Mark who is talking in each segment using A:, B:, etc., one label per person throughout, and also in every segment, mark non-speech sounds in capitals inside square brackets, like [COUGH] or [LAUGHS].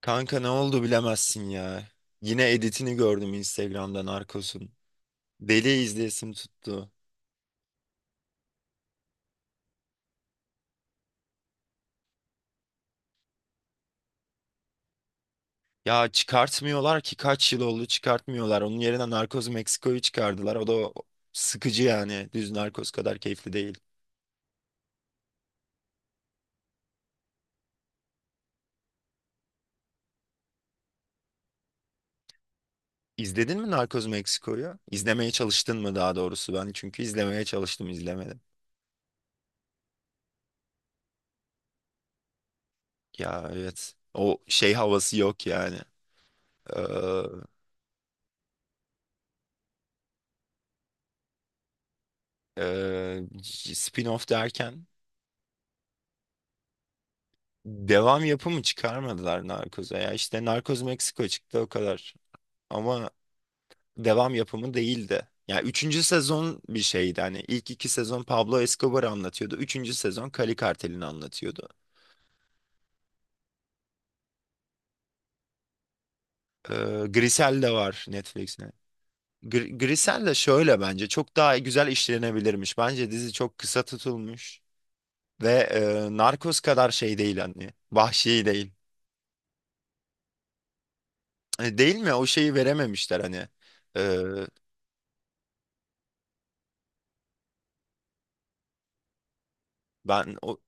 A: Kanka, ne oldu bilemezsin ya. Yine editini gördüm Instagram'dan Narcos'un. Deli izleyesim tuttu. Ya, çıkartmıyorlar ki, kaç yıl oldu çıkartmıyorlar. Onun yerine Narcos Meksiko'yu çıkardılar. O da sıkıcı yani. Düz Narcos kadar keyifli değil. İzledin mi Narcos Meksiko'yu? İzlemeye çalıştın mı daha doğrusu ben? Çünkü izlemeye çalıştım, izlemedim. Ya, evet. O şey havası yok yani. Ee, ee, Spin-off derken. Devam yapımı çıkarmadılar Narcos'a ya. İşte Narcos Meksiko çıktı, o kadar. Ama devam yapımı değildi. Ya, üçüncü sezon bir şeydi. Hani ilk iki sezon Pablo Escobar'ı anlatıyordu. Üçüncü sezon Cali Kartel'ini anlatıyordu. Ee, Grisel de var Netflix'te. Grisel de şöyle, bence çok daha güzel işlenebilirmiş. Bence dizi çok kısa tutulmuş ve Narcos kadar şey değil, hani vahşi değil. Değil mi? O şeyi verememişler hani. E, ben o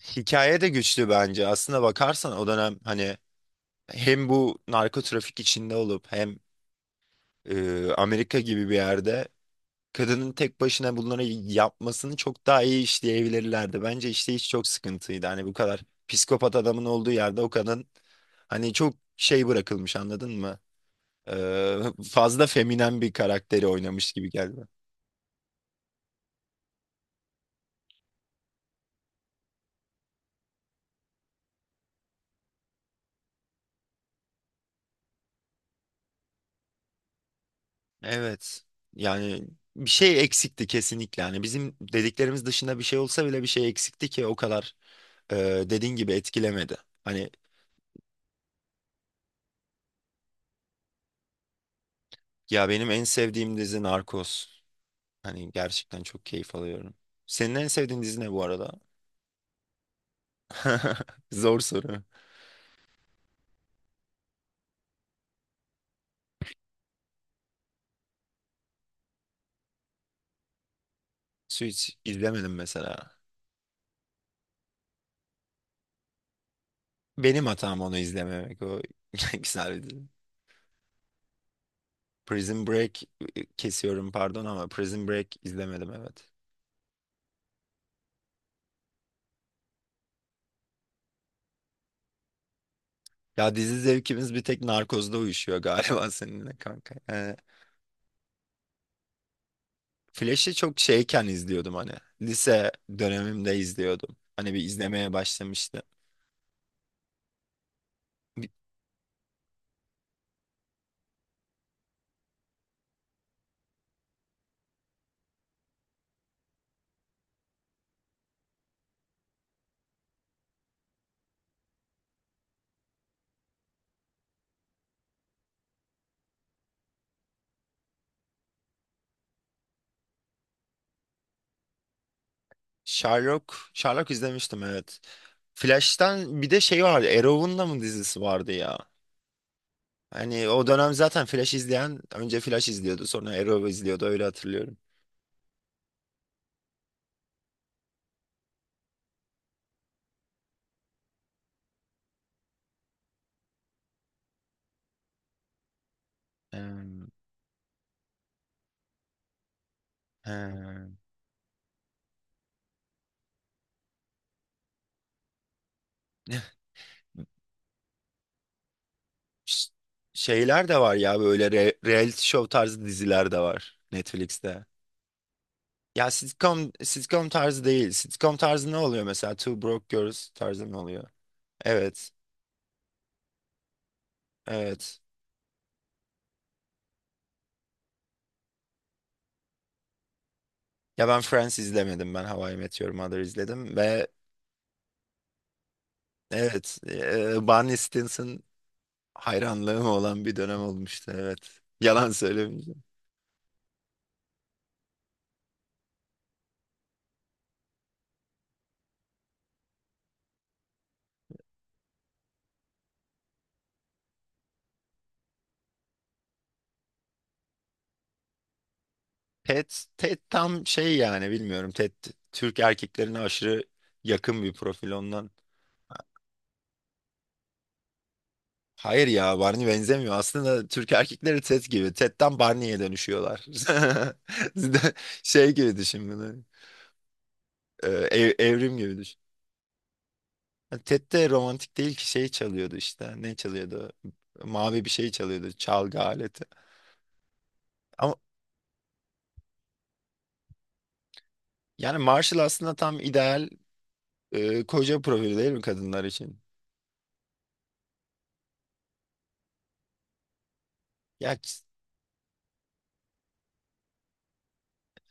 A: Hikaye de güçlü bence. Aslına bakarsan o dönem hani, hem bu narko trafik içinde olup hem Amerika gibi bir yerde kadının tek başına bunları yapmasını çok daha iyi işleyebilirlerdi. Bence işte, hiç çok sıkıntıydı. Hani bu kadar psikopat adamın olduğu yerde o kadın, hani çok şey bırakılmış, anladın mı? Fazla feminen bir karakteri oynamış gibi geldi. Evet. Yani bir şey eksikti kesinlikle. Yani bizim dediklerimiz dışında bir şey olsa bile, bir şey eksikti ki o kadar, e, dediğin gibi etkilemedi. Hani ya, benim en sevdiğim dizi Narcos. Hani gerçekten çok keyif alıyorum. Senin en sevdiğin dizi ne bu arada? [LAUGHS] Zor soru. Su hiç izlemedim mesela. Benim hatam onu izlememek. O [LAUGHS] güzel bir dizi. Prison Break, kesiyorum, pardon ama Prison Break izlemedim, evet. Ya, dizi zevkimiz bir tek Narcos'da uyuşuyor galiba [LAUGHS] seninle kanka. Yani Flash'i çok şeyken izliyordum hani. Lise dönemimde izliyordum. Hani bir izlemeye başlamıştım. Sherlock izlemiştim, evet. Flash'tan bir de şey vardı. Arrow'un da mı dizisi vardı ya? Hani o dönem zaten Flash izleyen önce Flash izliyordu, sonra Arrow izliyordu, öyle hatırlıyorum. Em, em. [LAUGHS] Ş- Şeyler de var ya, böyle reality show tarzı diziler de var Netflix'te. Ya, sitcom tarzı değil. Sitcom tarzı ne oluyor mesela? Two Broke Girls tarzı ne oluyor? Evet. Evet. Ya, ben Friends izlemedim. Ben How I Met Your Mother izledim ve... Evet, Barney Stinson hayranlığım olan bir dönem olmuştu. Evet, yalan söylemeyeceğim. Ted, Ted tam şey yani, bilmiyorum. Ted Türk erkeklerine aşırı yakın bir profil ondan. Hayır ya, Barney benzemiyor. Aslında Türk erkekleri Ted gibi. Ted'den Barney'e dönüşüyorlar. [LAUGHS] Şey gibi düşün bunu. Evrim gibi düşün. Ted de romantik değil ki, şey çalıyordu işte. Ne çalıyordu? Mavi bir şey çalıyordu. Çalgı aleti. Ama yani Marshall aslında tam ideal koca profili değil mi kadınlar için? Ya, ç-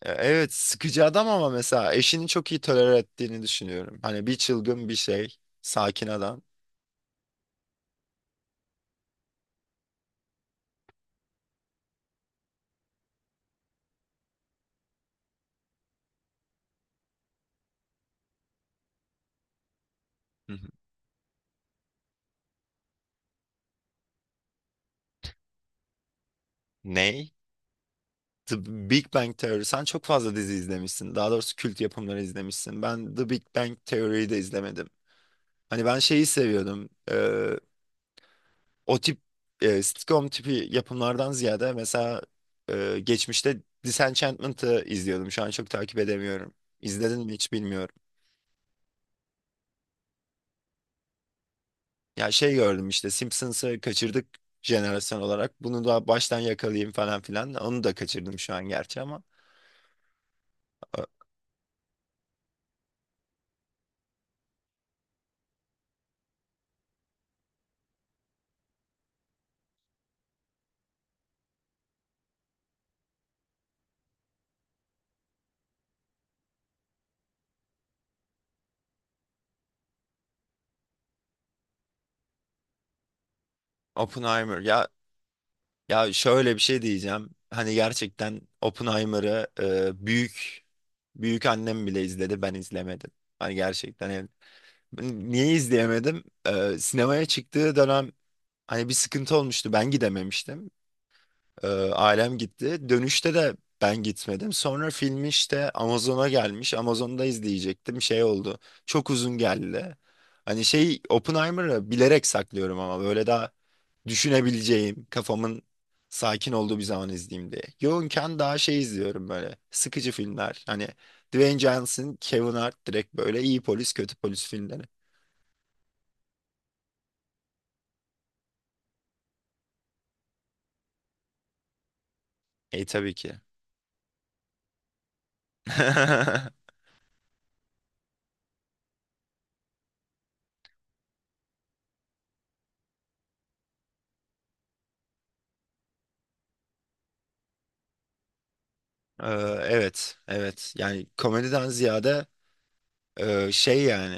A: e, evet, sıkıcı adam ama mesela eşini çok iyi tolere ettiğini düşünüyorum. Hani bir çılgın bir şey, sakin adam. Hı hı. Ney? The Big Bang Theory. Sen çok fazla dizi izlemişsin. Daha doğrusu kült yapımları izlemişsin. Ben The Big Bang Theory'yi de izlemedim. Hani ben şeyi seviyordum. O tip sitcom tipi yapımlardan ziyade, mesela geçmişte Disenchantment'ı izliyordum. Şu an çok takip edemiyorum. İzledin mi hiç bilmiyorum. Ya şey, gördüm işte Simpsons'ı kaçırdık jenerasyon olarak. Bunu da baştan yakalayayım falan filan. Onu da kaçırdım şu an gerçi, ama e, Oppenheimer ya şöyle bir şey diyeceğim. Hani gerçekten Oppenheimer'ı büyük büyük annem bile izledi, ben izlemedim. Hani gerçekten, ben niye izleyemedim? Sinemaya çıktığı dönem hani bir sıkıntı olmuştu. Ben gidememiştim. Ailem gitti. Dönüşte de ben gitmedim. Sonra film işte Amazon'a gelmiş. Amazon'da izleyecektim. Şey oldu. Çok uzun geldi. Hani şey, Oppenheimer'ı bilerek saklıyorum ama böyle daha düşünebileceğim, kafamın sakin olduğu bir zaman izleyeyim diye. Yoğunken daha şey izliyorum, böyle sıkıcı filmler. Hani Dwayne Johnson, Kevin Hart, direkt böyle iyi polis, kötü polis filmleri. E, tabii ki. [LAUGHS] Ee, Evet, evet. Yani komediden ziyade şey yani.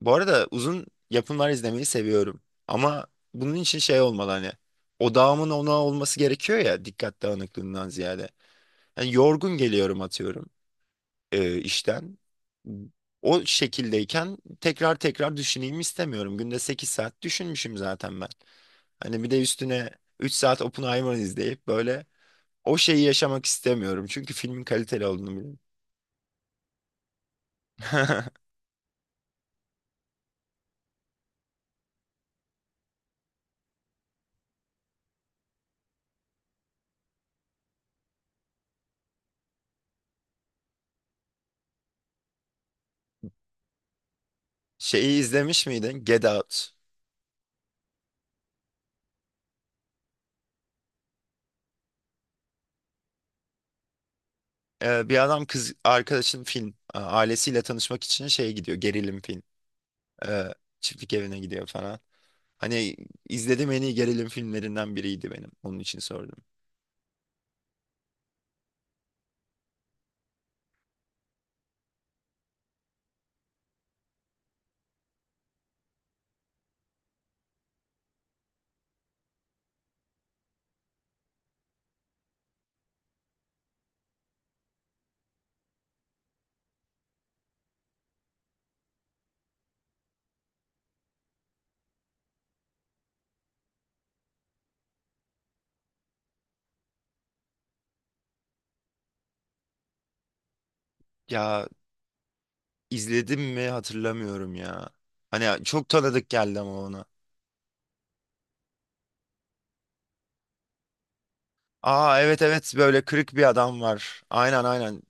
A: Bu arada uzun yapımlar izlemeyi seviyorum. Ama bunun için şey olmalı hani. Odağımın ona olması gerekiyor ya, dikkat dağınıklığından ziyade. Yani yorgun geliyorum, atıyorum işten. O şekildeyken tekrar tekrar düşüneyim istemiyorum. Günde 8 saat düşünmüşüm zaten ben. Hani bir de üstüne 3 saat Oppenheimer izleyip böyle o şeyi yaşamak istemiyorum. Çünkü filmin kaliteli olduğunu... [LAUGHS] Şeyi izlemiş miydin? Get Out. Bir adam kız arkadaşın ailesiyle tanışmak için şeye gidiyor. Gerilim film. Ee, Çiftlik evine gidiyor falan. Hani izlediğim en iyi gerilim filmlerinden biriydi benim. Onun için sordum. Ya, izledim mi hatırlamıyorum ya. Hani çok tanıdık geldi ama ona. Aa, evet, evet, böyle kırık bir adam var. Aynen, aynen.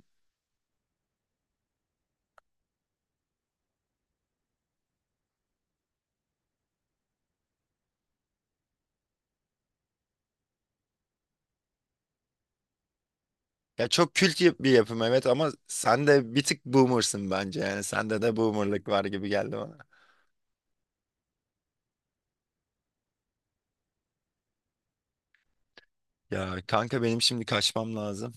A: Ya çok kült bir yapım, evet, ama sen de bir tık boomersın bence, yani sende de boomerlık var gibi geldi. Ya kanka, benim şimdi kaçmam lazım.